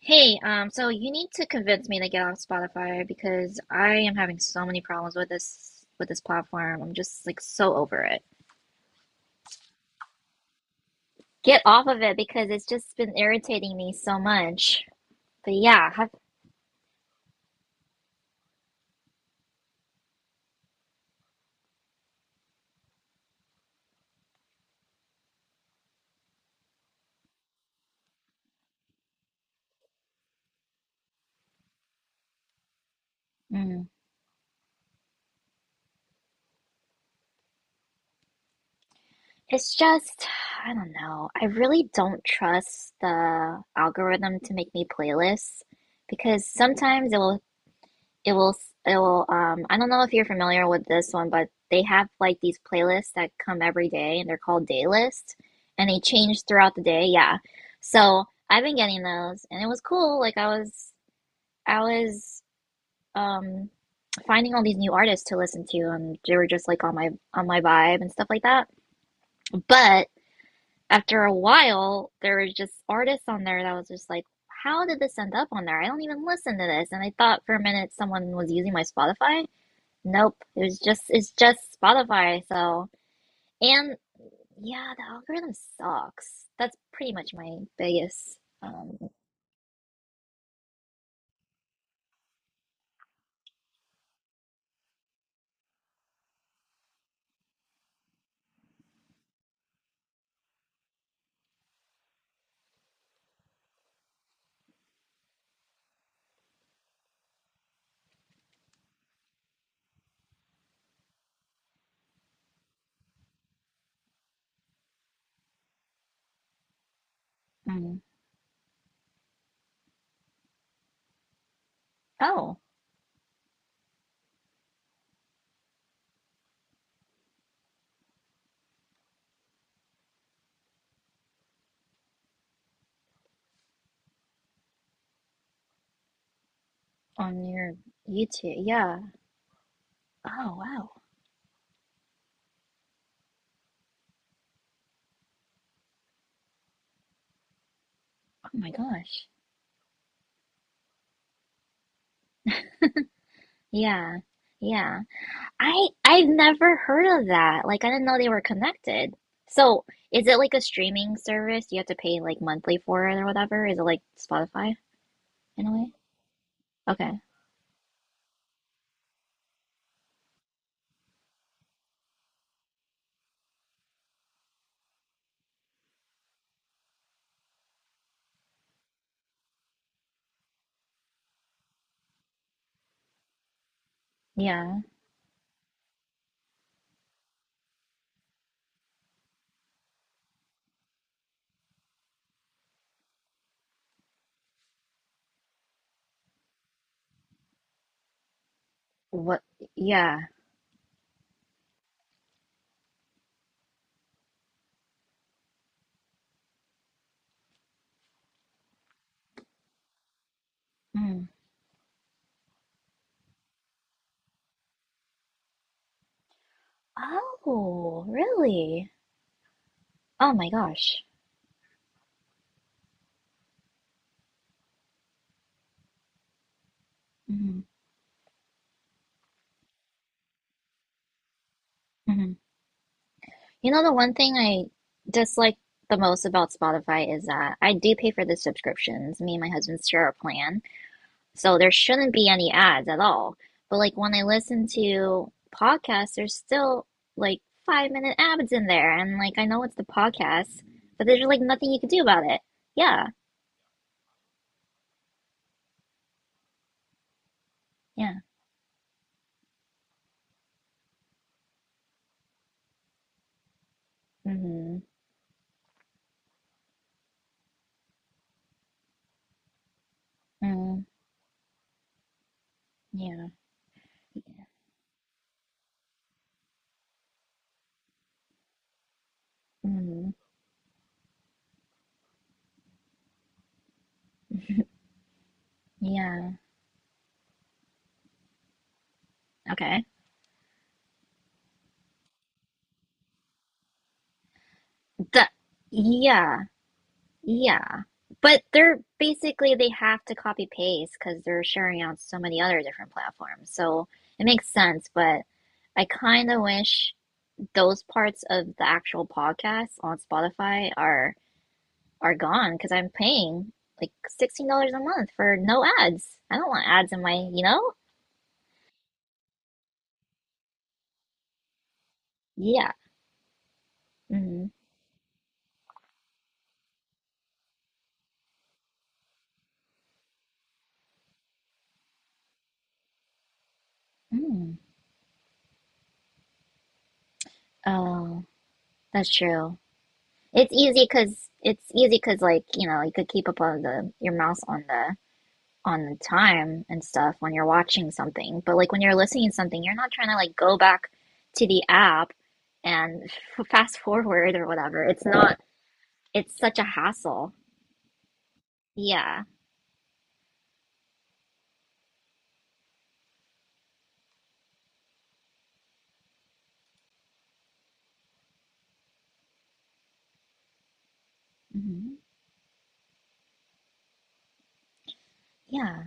Hey, so you need to convince me to get off Spotify because I am having so many problems with this platform. I'm just like so over it. Get off of it because it's just been irritating me so much. But yeah, have, mm, it's just I don't know. I really don't trust the algorithm to make me playlists because sometimes it will it will I don't know if you're familiar with this one, but they have like these playlists that come every day and they're called day list, and they change throughout the day. Yeah. So I've been getting those and it was cool. Like I was um finding all these new artists to listen to and they were just like on my vibe and stuff like that. But after a while there was just artists on there that was just like, how did this end up on there? I don't even listen to this. And I thought for a minute someone was using my Spotify. Nope. It was just it's just Spotify, so and yeah, the algorithm sucks. That's pretty much my biggest mm. Oh, on your YouTube. Yeah. Oh wow. Oh my gosh. Yeah. Yeah. I've never heard of that. Like I didn't know they were connected. So is it like a streaming service? You have to pay like monthly for it or whatever? Is it like Spotify in a way? Okay. Yeah. What, yeah. Hmm. Oh, really? Oh my gosh. Hmm. Hmm. You know, the one thing I dislike the most about Spotify is that I do pay for the subscriptions. Me and my husband share a plan, so there shouldn't be any ads at all. But like when I listen to podcasts, there's still like 5 minute ads in there, and like I know it's the podcast, but there's like nothing you can do about it. Yeah, yeah. Hmm. Mm. Yeah. Hmm. Yeah. Okay. The yeah, yeah. But they're basically they have to copy paste because they're sharing on so many other different platforms. So it makes sense, but I kind of wish those parts of the actual podcast on Spotify are gone because I'm paying like $16 a month for no ads. I don't want ads in my, you know? Yeah. Mm. Mm. Oh, that's true. It's easy because like you know you could keep up on the your mouse on the time and stuff when you're watching something. But like when you're listening to something, you're not trying to like go back to the app and fast forward or whatever. It's not, it's such a hassle. Yeah. Hmm. Yeah.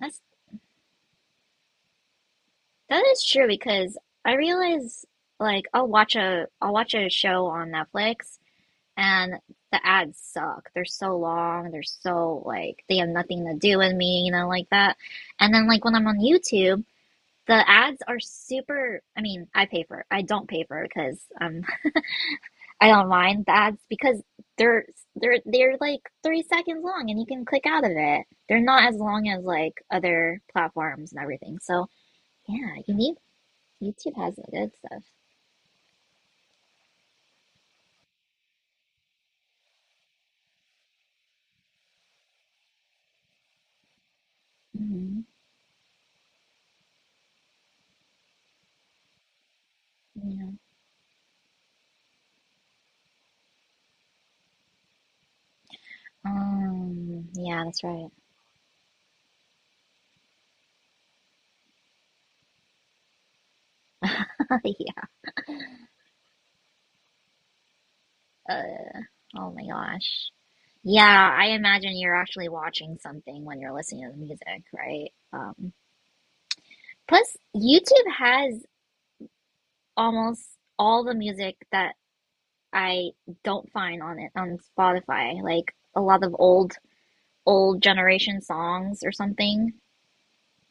That's, that is true because I realize like I'll watch a show on Netflix and the ads suck. They're so long. They're so like, they have nothing to do with me, you know, like that. And then like when I'm on YouTube, the ads are super. I mean, I don't pay for because I don't mind the ads because they're they're like 3 seconds long and you can click out of it. They're not as long as like other platforms and everything. So yeah, you need YouTube has the good stuff. Hmm. Yeah. Um, yeah, that's right. Yeah. Uh, oh my gosh. Yeah, I imagine you're actually watching something when you're listening to the music, right? Plus YouTube has almost all the music that I don't find on it on Spotify, like a lot of old generation songs or something.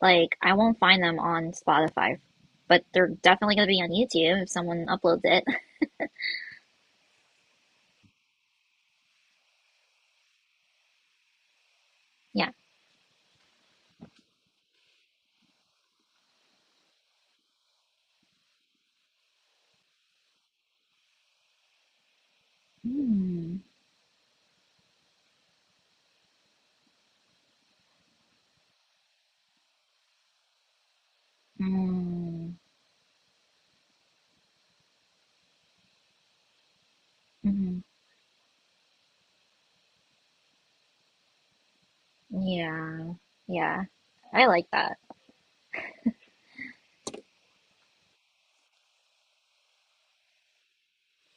Like I won't find them on Spotify, but they're definitely gonna be on YouTube if someone uploads it. Yeah. Mm. Mm. Mm. Yeah. Yeah. I like that.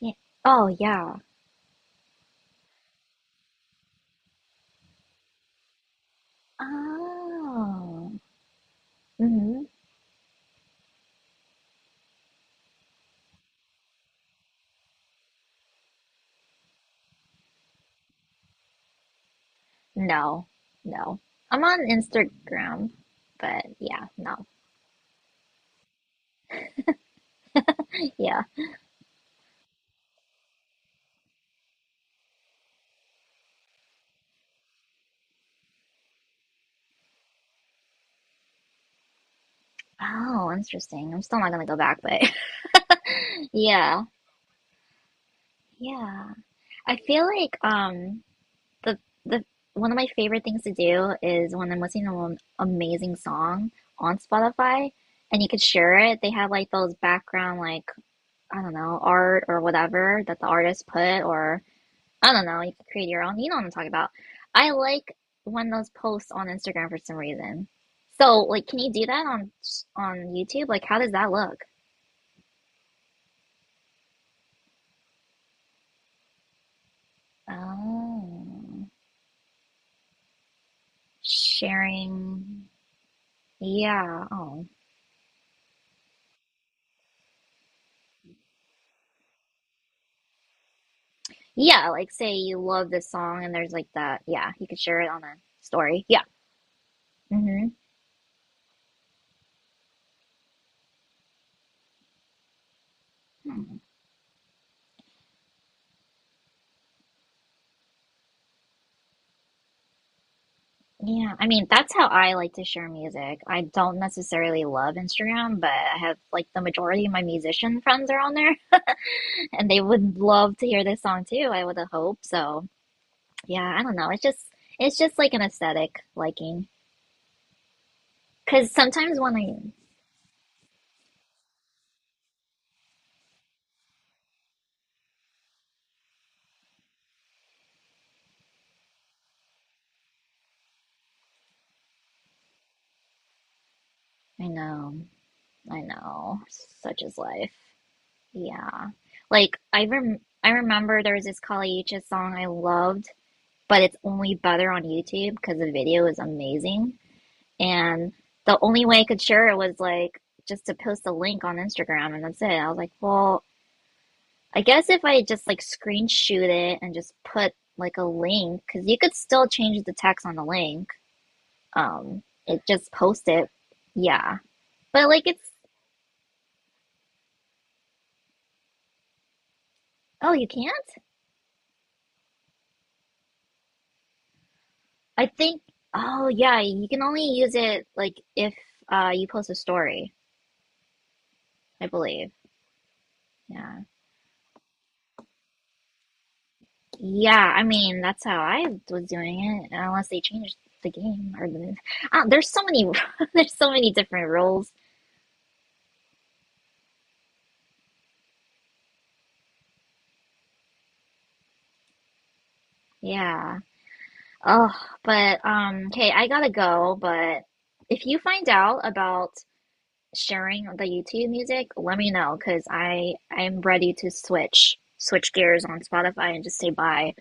Yeah. Oh yeah. Oh. Mm-hmm. No. No. I'm on Instagram, but yeah, no. Yeah. Oh, interesting. I'm still not gonna go back, but yeah, yeah. I feel like the the one of my favorite things to do is when I'm listening to an amazing song on Spotify and you could share it. They have like those background like, I don't know, art or whatever that the artist put, or I don't know, you could create your own. You know what I'm talking about. I like when those posts on Instagram for some reason. So, like, can you do that on YouTube? Like, how does that look? Oh, sharing. Yeah. Oh, yeah. Like, say you love this song, and there's like that. Yeah, you could share it on a story. Yeah. Mm-hmm. Hmm. Yeah. I mean, that's how I like to share music. I don't necessarily love Instagram, but I have like the majority of my musician friends are on there, and they would love to hear this song too. I would hope so. Yeah. I don't know. It's just like an aesthetic liking. Because sometimes when I know. I know, such is life. Yeah. Like I remember there was this Kali Uchis song I loved, but it's only better on YouTube because the video is amazing. And the only way I could share it was like just to post a link on Instagram and that's it. I was like, well, I guess if I just like screenshot it and just put like a link, because you could still change the text on the link. It just post it. Yeah. But like it's oh, you can? I think, oh yeah, you can only use it like if you post a story, I believe. Yeah. Yeah, I mean, that's how I was doing it, unless they changed the game or the there's so many there's so many different rules. Yeah. Oh, but okay, I gotta go, but if you find out about sharing the YouTube music, let me know because I'm ready to switch gears on Spotify and just say bye,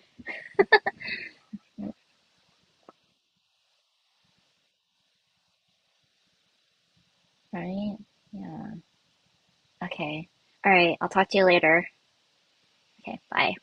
right? Yeah. Okay. All right. I'll talk to you later. Okay. Bye.